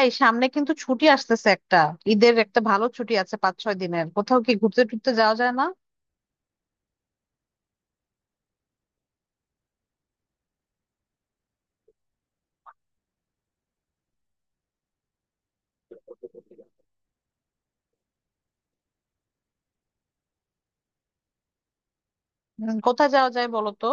এই সামনে কিন্তু ছুটি আসতেছে একটা। ঈদের একটা ভালো ছুটি আছে 5-6 দিনের। কোথাও কি ঘুরতে টুরতে যাওয়া যায় না? কোথায় যাওয়া যায় বলো তো?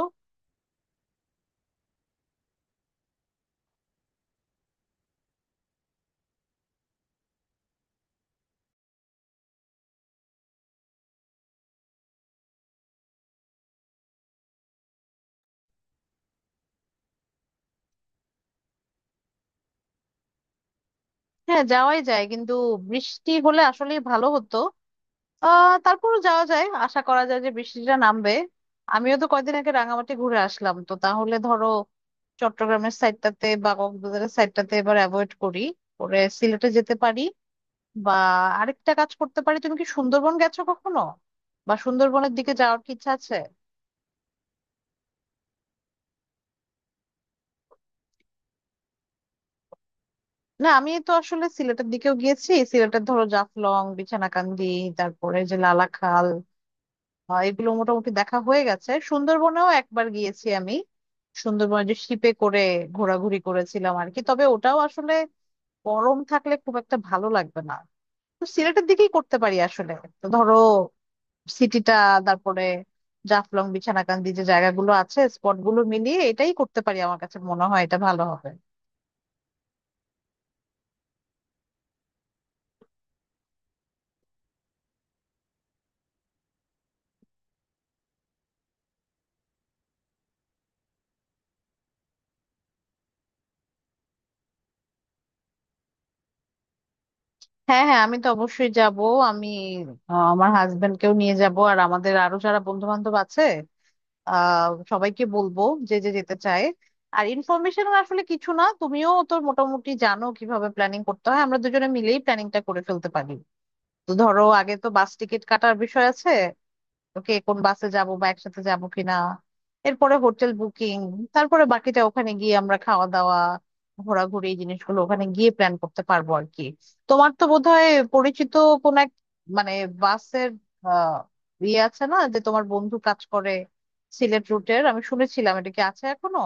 হ্যাঁ যাওয়াই যায় কিন্তু বৃষ্টি হলে আসলেই ভালো হতো। তারপরও যাওয়া যায়, আশা করা যায় যে বৃষ্টিটা নামবে। আমিও তো কয়দিন আগে রাঙামাটি ঘুরে আসলাম, তো তাহলে ধরো চট্টগ্রামের সাইডটাতে বা কক্সবাজারের সাইডটাতে এবার অ্যাভয়েড করি, পরে সিলেটে যেতে পারি। বা আরেকটা কাজ করতে পারি, তুমি কি সুন্দরবন গেছো কখনো? বা সুন্দরবনের দিকে যাওয়ার কি ইচ্ছা আছে? না, আমি তো আসলে সিলেটের দিকেও গিয়েছি। সিলেটের ধরো জাফলং বিছানাকান্দি, তারপরে যে লালাখাল, এগুলো মোটামুটি দেখা হয়ে গেছে। সুন্দরবনেও একবার গিয়েছি আমি। সুন্দরবনে যে শিপে করে ঘোরাঘুরি করেছিলাম আর কি, তবে ওটাও আসলে গরম থাকলে খুব একটা ভালো লাগবে না। তো সিলেটের দিকেই করতে পারি আসলে। তো ধরো সিটিটা, তারপরে জাফলং বিছানাকান্দি যে জায়গাগুলো আছে, স্পটগুলো মিলিয়ে এটাই করতে পারি, আমার কাছে মনে হয় এটা ভালো হবে। হ্যাঁ হ্যাঁ, আমি তো অবশ্যই যাব। আমি আমার হাজবেন্ডকেও নিয়ে যাব আর আমাদের আরো যারা বন্ধু বান্ধব আছে আহ সবাইকে বলবো যে যে যেতে চায়। আর ইনফরমেশন আসলে কিছু না, তুমিও তো মোটামুটি জানো কিভাবে প্ল্যানিং করতে হয়, আমরা দুজনে মিলেই প্ল্যানিংটা করে ফেলতে পারি। তো ধরো আগে তো বাস টিকিট কাটার বিষয় আছে, কে কোন বাসে যাব বা একসাথে যাব কিনা, এরপরে হোটেল বুকিং, তারপরে বাকিটা ওখানে গিয়ে আমরা খাওয়া দাওয়া, ঘোরাঘুরি এই জিনিসগুলো ওখানে গিয়ে প্ল্যান করতে পারবো আর কি। তোমার তো বোধহয় পরিচিত কোন এক মানে বাসের আহ ইয়ে আছে না, যে তোমার বন্ধু কাজ করে সিলেট রুটের, আমি শুনেছিলাম, এটা কি আছে এখনো?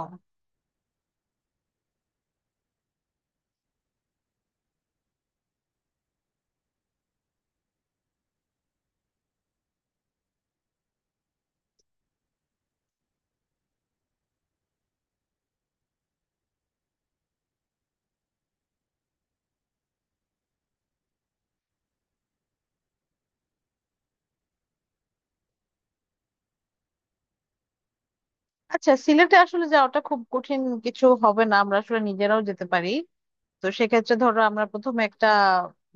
আচ্ছা, সিলেটে আসলে যাওয়াটা খুব কঠিন কিছু হবে না, আমরা আসলে নিজেরাও যেতে পারি। তো সেক্ষেত্রে ধরো আমরা প্রথমে একটা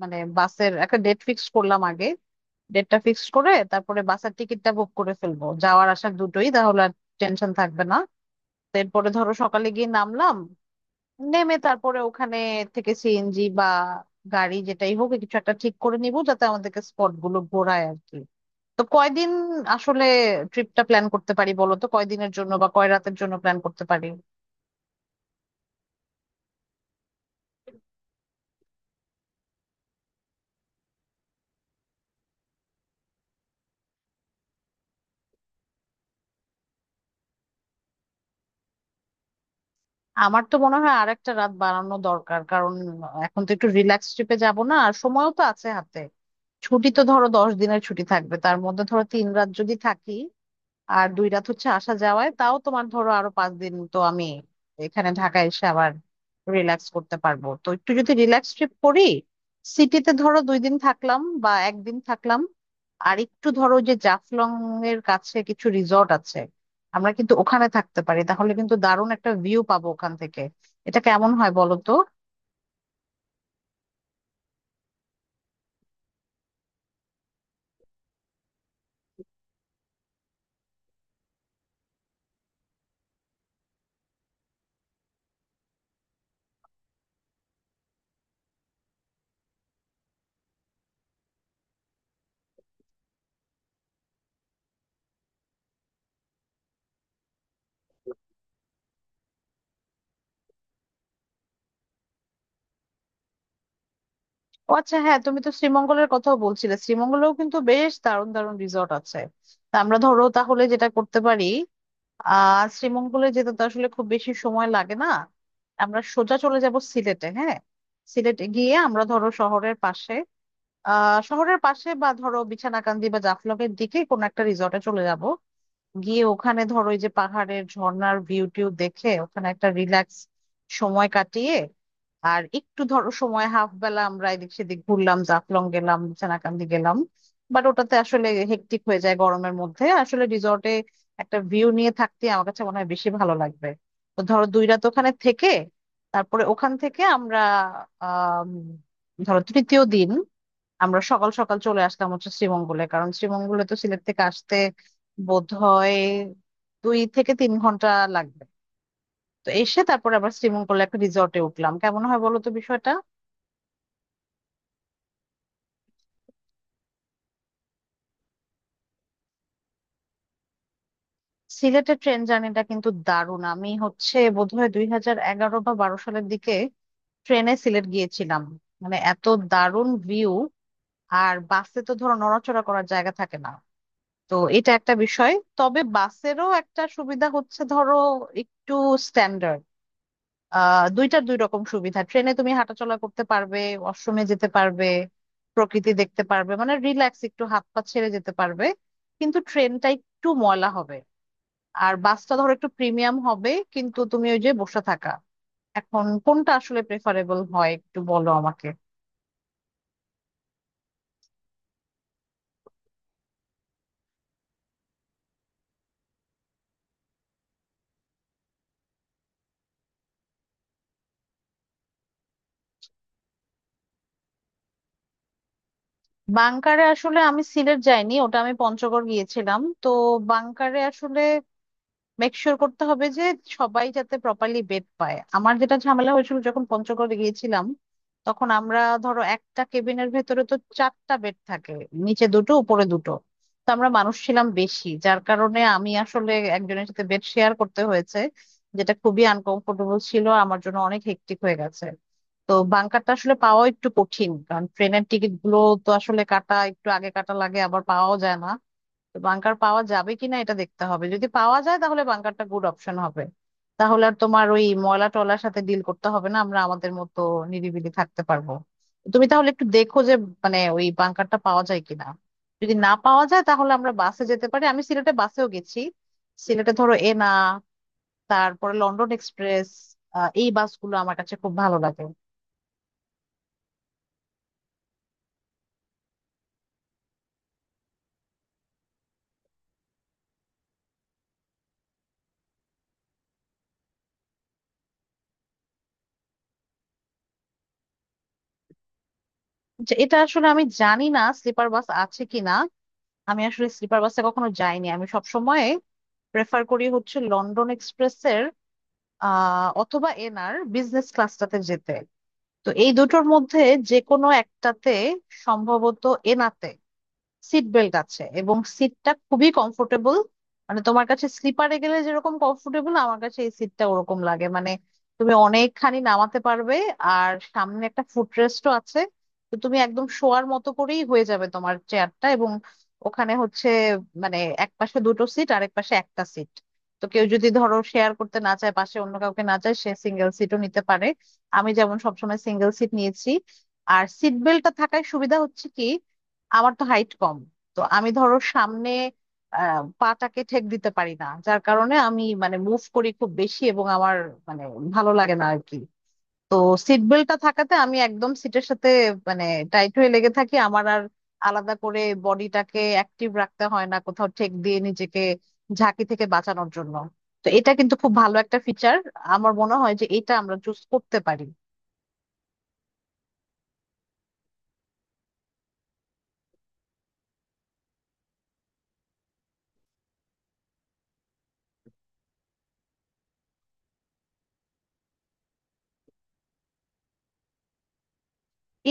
মানে বাসের একটা ডেট ফিক্স করলাম আগে। ডেটটা ফিক্সড করে তারপরে বাসের টিকিটটা বুক করে ফেলবো যাওয়ার আসার দুটোই, তাহলে আর টেনশন থাকবে না। তো এরপরে ধরো সকালে গিয়ে নামলাম, নেমে তারপরে ওখানে থেকে সিএনজি বা গাড়ি যেটাই হোক কিছু একটা ঠিক করে নিব যাতে আমাদেরকে স্পট গুলো ঘোরায় আর কি। তো কয়দিন আসলে ট্রিপটা প্ল্যান করতে পারি বলো তো, কয়দিনের জন্য বা কয় রাতের জন্য প্ল্যান করতে পারি? আমার তো মনে হয় আর একটা রাত বাড়ানো দরকার, কারণ এখন তো একটু রিল্যাক্স ট্রিপে যাব না, আর সময়ও তো আছে হাতে। ছুটি তো ধরো 10 দিনের ছুটি থাকবে, তার মধ্যে ধরো 3 রাত যদি থাকি আর 2 রাত হচ্ছে আসা যাওয়ায়, তাও তোমার ধরো আরো 5 দিন। তো আমি এখানে ঢাকায় এসে আবার রিল্যাক্স করতে পারবো। তো একটু যদি রিল্যাক্স ট্রিপ করি, সিটিতে ধরো 2 দিন থাকলাম বা একদিন থাকলাম, আর একটু ধরো যে জাফলং এর কাছে কিছু রিসর্ট আছে, আমরা কিন্তু ওখানে থাকতে পারি, তাহলে কিন্তু দারুণ একটা ভিউ পাবো ওখান থেকে। এটা কেমন হয় বলো তো? ও আচ্ছা, হ্যাঁ তুমি তো শ্রীমঙ্গলের কথাও বলছিলে, শ্রীমঙ্গলেও কিন্তু বেশ দারুণ দারুণ রিসর্ট আছে। তা আমরা ধরো তাহলে যেটা করতে পারি, শ্রীমঙ্গলে যেতে তো আসলে খুব বেশি সময় লাগে না। আমরা সোজা চলে যাব সিলেটে, হ্যাঁ। সিলেটে গিয়ে আমরা ধরো শহরের পাশে শহরের পাশে বা ধরো বিছানাকান্দি বা জাফলং এর দিকে কোনো একটা রিসর্টে চলে যাব। গিয়ে ওখানে ধরো ওই যে পাহাড়ের ঝর্ণার ভিউ টিউ দেখে ওখানে একটা রিল্যাক্স সময় কাটিয়ে, আর একটু ধরো সময় হাফ বেলা আমরা এদিক সেদিক ঘুরলাম, জাফলং গেলাম, সেনাকান্দি গেলাম। বাট ওটাতে আসলে হেক্টিক হয়ে যায় গরমের মধ্যে, আসলে রিসর্টে একটা ভিউ নিয়ে থাকতে আমার কাছে মনে হয় বেশি ভালো লাগবে। তো ধরো 2 রাত ওখানে থেকে তারপরে ওখান থেকে আমরা আহ ধরো তৃতীয় দিন আমরা সকাল সকাল চলে আসলাম হচ্ছে শ্রীমঙ্গলে, কারণ শ্রীমঙ্গলে তো সিলেট থেকে আসতে বোধ হয় 2-3 ঘন্টা লাগবে। তো এসে তারপরে আবার শ্রীমঙ্গলে একটা রিসর্টে উঠলাম, কেমন হয় বলো তো বিষয়টা? সিলেটের ট্রেন জার্নিটা কিন্তু দারুণ। আমি হচ্ছে বোধহয় 2011 বা 2012 সালের দিকে ট্রেনে সিলেট গিয়েছিলাম, মানে এত দারুণ ভিউ। আর বাসে তো ধরো নড়াচড়া করার জায়গা থাকে না, তো এটা একটা বিষয়। তবে বাসেরও একটা সুবিধা হচ্ছে ধরো একটু, দুইটার দুই রকম সুবিধা। ট্রেনে তুমি হাঁটাচলা করতে পারবে, ওয়াশরুমে যেতে পারবে, প্রকৃতি দেখতে পারবে, মানে রিল্যাক্স একটু হাত পা ছেড়ে যেতে পারবে। কিন্তু ট্রেনটা একটু ময়লা হবে, আর বাসটা ধরো একটু প্রিমিয়াম হবে কিন্তু তুমি ওই যে বসে থাকা। এখন কোনটা আসলে প্রেফারেবল হয় একটু বলো আমাকে। বাংকারে আসলে আমি সিলেট যাইনি, ওটা আমি পঞ্চগড় গিয়েছিলাম। তো বাংকারে আসলে মেক শিওর করতে হবে যে সবাই যাতে প্রপারলি বেড পায়। আমার যেটা ঝামেলা হয়েছিল যখন পঞ্চগড়ে গিয়েছিলাম, তখন আমরা ধরো একটা কেবিনের ভেতরে তো 4টা বেড থাকে, নিচে দুটো উপরে দুটো। তো আমরা মানুষ ছিলাম বেশি, যার কারণে আমি আসলে একজনের সাথে বেড শেয়ার করতে হয়েছে, যেটা খুবই আনকমফোর্টেবল ছিল আমার জন্য, অনেক হেক্টিক হয়ে গেছে। তো বাংকারটা আসলে পাওয়া একটু কঠিন, কারণ ট্রেনের টিকিট গুলো তো আসলে কাটা একটু আগে কাটা লাগে, আবার পাওয়াও যায় না। বাংকার পাওয়া যাবে কিনা এটা দেখতে হবে, যদি পাওয়া যায় তাহলে বাংকারটা গুড অপশন হবে। তাহলে আর তোমার ওই ময়লা টলার সাথে ডিল করতে হবে না, আমরা আমাদের মতো নিরিবিলি থাকতে পারবো। তুমি তাহলে একটু দেখো যে মানে ওই বাংকারটা পাওয়া যায় কিনা। যদি না পাওয়া যায় তাহলে আমরা বাসে যেতে পারি, আমি সিলেটে বাসেও গেছি। সিলেটে ধরো এনা, তারপরে লন্ডন এক্সপ্রেস, এই বাসগুলো আমার কাছে খুব ভালো লাগে। যে এটা আসলে আমি জানি না স্লিপার বাস আছে কিনা, আমি আসলে স্লিপার বাসে কখনো যাইনি। আমি সব প্রেফার করি হচ্ছে লন্ডন এক্সপ্রেসের অথবা এনার বিজনেস ক্লাসটাতে যেতে। তো এই দুটোর মধ্যে যে কোনো একটাতে সম্ভবত, এনাতে সিট বেল্ট আছে এবং সিটটা খুবই কমফোর্টেবল। মানে তোমার কাছে স্লিপারে গেলে যেরকম কমফোর্টেবল, আমার কাছে এই সিটটা ওরকম লাগে। মানে তুমি অনেকখানি নামাতে পারবে আর সামনে একটা ফুটরেস্টও আছে, তো তুমি একদম শোয়ার মতো করেই হয়ে যাবে তোমার চেয়ারটা। এবং ওখানে হচ্ছে মানে এক পাশে দুটো সিট আর এক পাশে একটা সিট। তো কেউ যদি ধরো শেয়ার করতে না চায়, পাশে অন্য কাউকে না চায়, সে সিঙ্গেল সিটও নিতে পারে। আমি যেমন সবসময় সিঙ্গেল সিট নিয়েছি। আর সিট বেল্টটা থাকার সুবিধা হচ্ছে কি, আমার তো হাইট কম, তো আমি ধরো সামনে পাটাকে ঠেক দিতে পারি না, যার কারণে আমি মানে মুভ করি খুব বেশি, এবং আমার মানে ভালো লাগে না আর কি। তো সিট বেল্টটা থাকাতে আমি একদম সিটের সাথে মানে টাইট হয়ে লেগে থাকি, আমার আর আলাদা করে বডিটাকে অ্যাক্টিভ রাখতে হয় না কোথাও ঠেক দিয়ে নিজেকে ঝাঁকি থেকে বাঁচানোর জন্য। তো এটা কিন্তু খুব ভালো একটা ফিচার, আমার মনে হয় যে এটা আমরা চুজ করতে পারি।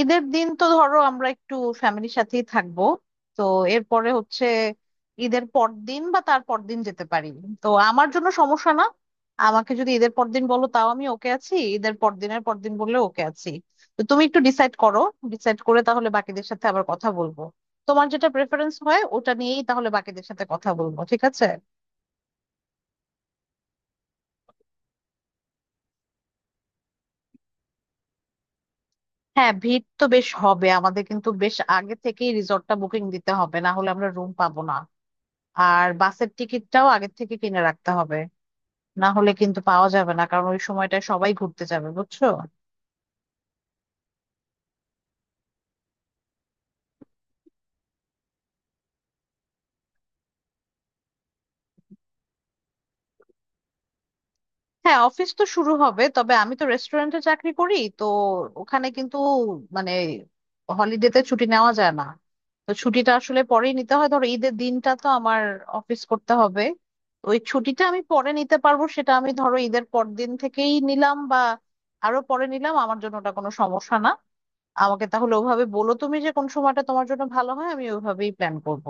ঈদের দিন তো ধরো আমরা একটু ফ্যামিলির সাথেই থাকবো। তো এরপরে হচ্ছে ঈদের পর দিন বা তার পর দিন যেতে পারি। তো আমার জন্য সমস্যা না, আমাকে যদি ঈদের পর দিন বলো তাও আমি ওকে আছি, ঈদের পর দিনের পর দিন বললে ওকে আছি। তো তুমি একটু ডিসাইড করো, ডিসাইড করে তাহলে বাকিদের সাথে আবার কথা বলবো। তোমার যেটা প্রেফারেন্স হয় ওটা নিয়েই তাহলে বাকিদের সাথে কথা বলবো, ঠিক আছে? হ্যাঁ ভিড় তো বেশ হবে, আমাদের কিন্তু বেশ আগে থেকেই রিসর্টটা বুকিং দিতে হবে না হলে আমরা রুম পাবো না। আর বাসের টিকিটটাও আগের থেকে কিনে রাখতে হবে, না হলে কিন্তু পাওয়া যাবে না, কারণ ওই সময়টায় সবাই ঘুরতে যাবে, বুঝছো? হ্যাঁ অফিস তো শুরু হবে, তবে আমি তো রেস্টুরেন্টে চাকরি করি, তো ওখানে কিন্তু মানে হলিডেতে ছুটি নেওয়া যায় না। তো ছুটিটা আসলে পরেই নিতে হয়, ধরো ঈদের দিনটা তো আমার অফিস করতে হবে। তো ওই ছুটিটা আমি পরে নিতে পারবো, সেটা আমি ধরো ঈদের পর দিন থেকেই নিলাম বা আরো পরে নিলাম, আমার জন্য ওটা কোনো সমস্যা না। আমাকে তাহলে ওভাবে বলো তুমি যে কোন সময়টা তোমার জন্য ভালো হয়, আমি ওইভাবেই প্ল্যান করব।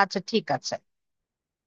আচ্ছা ঠিক আছে।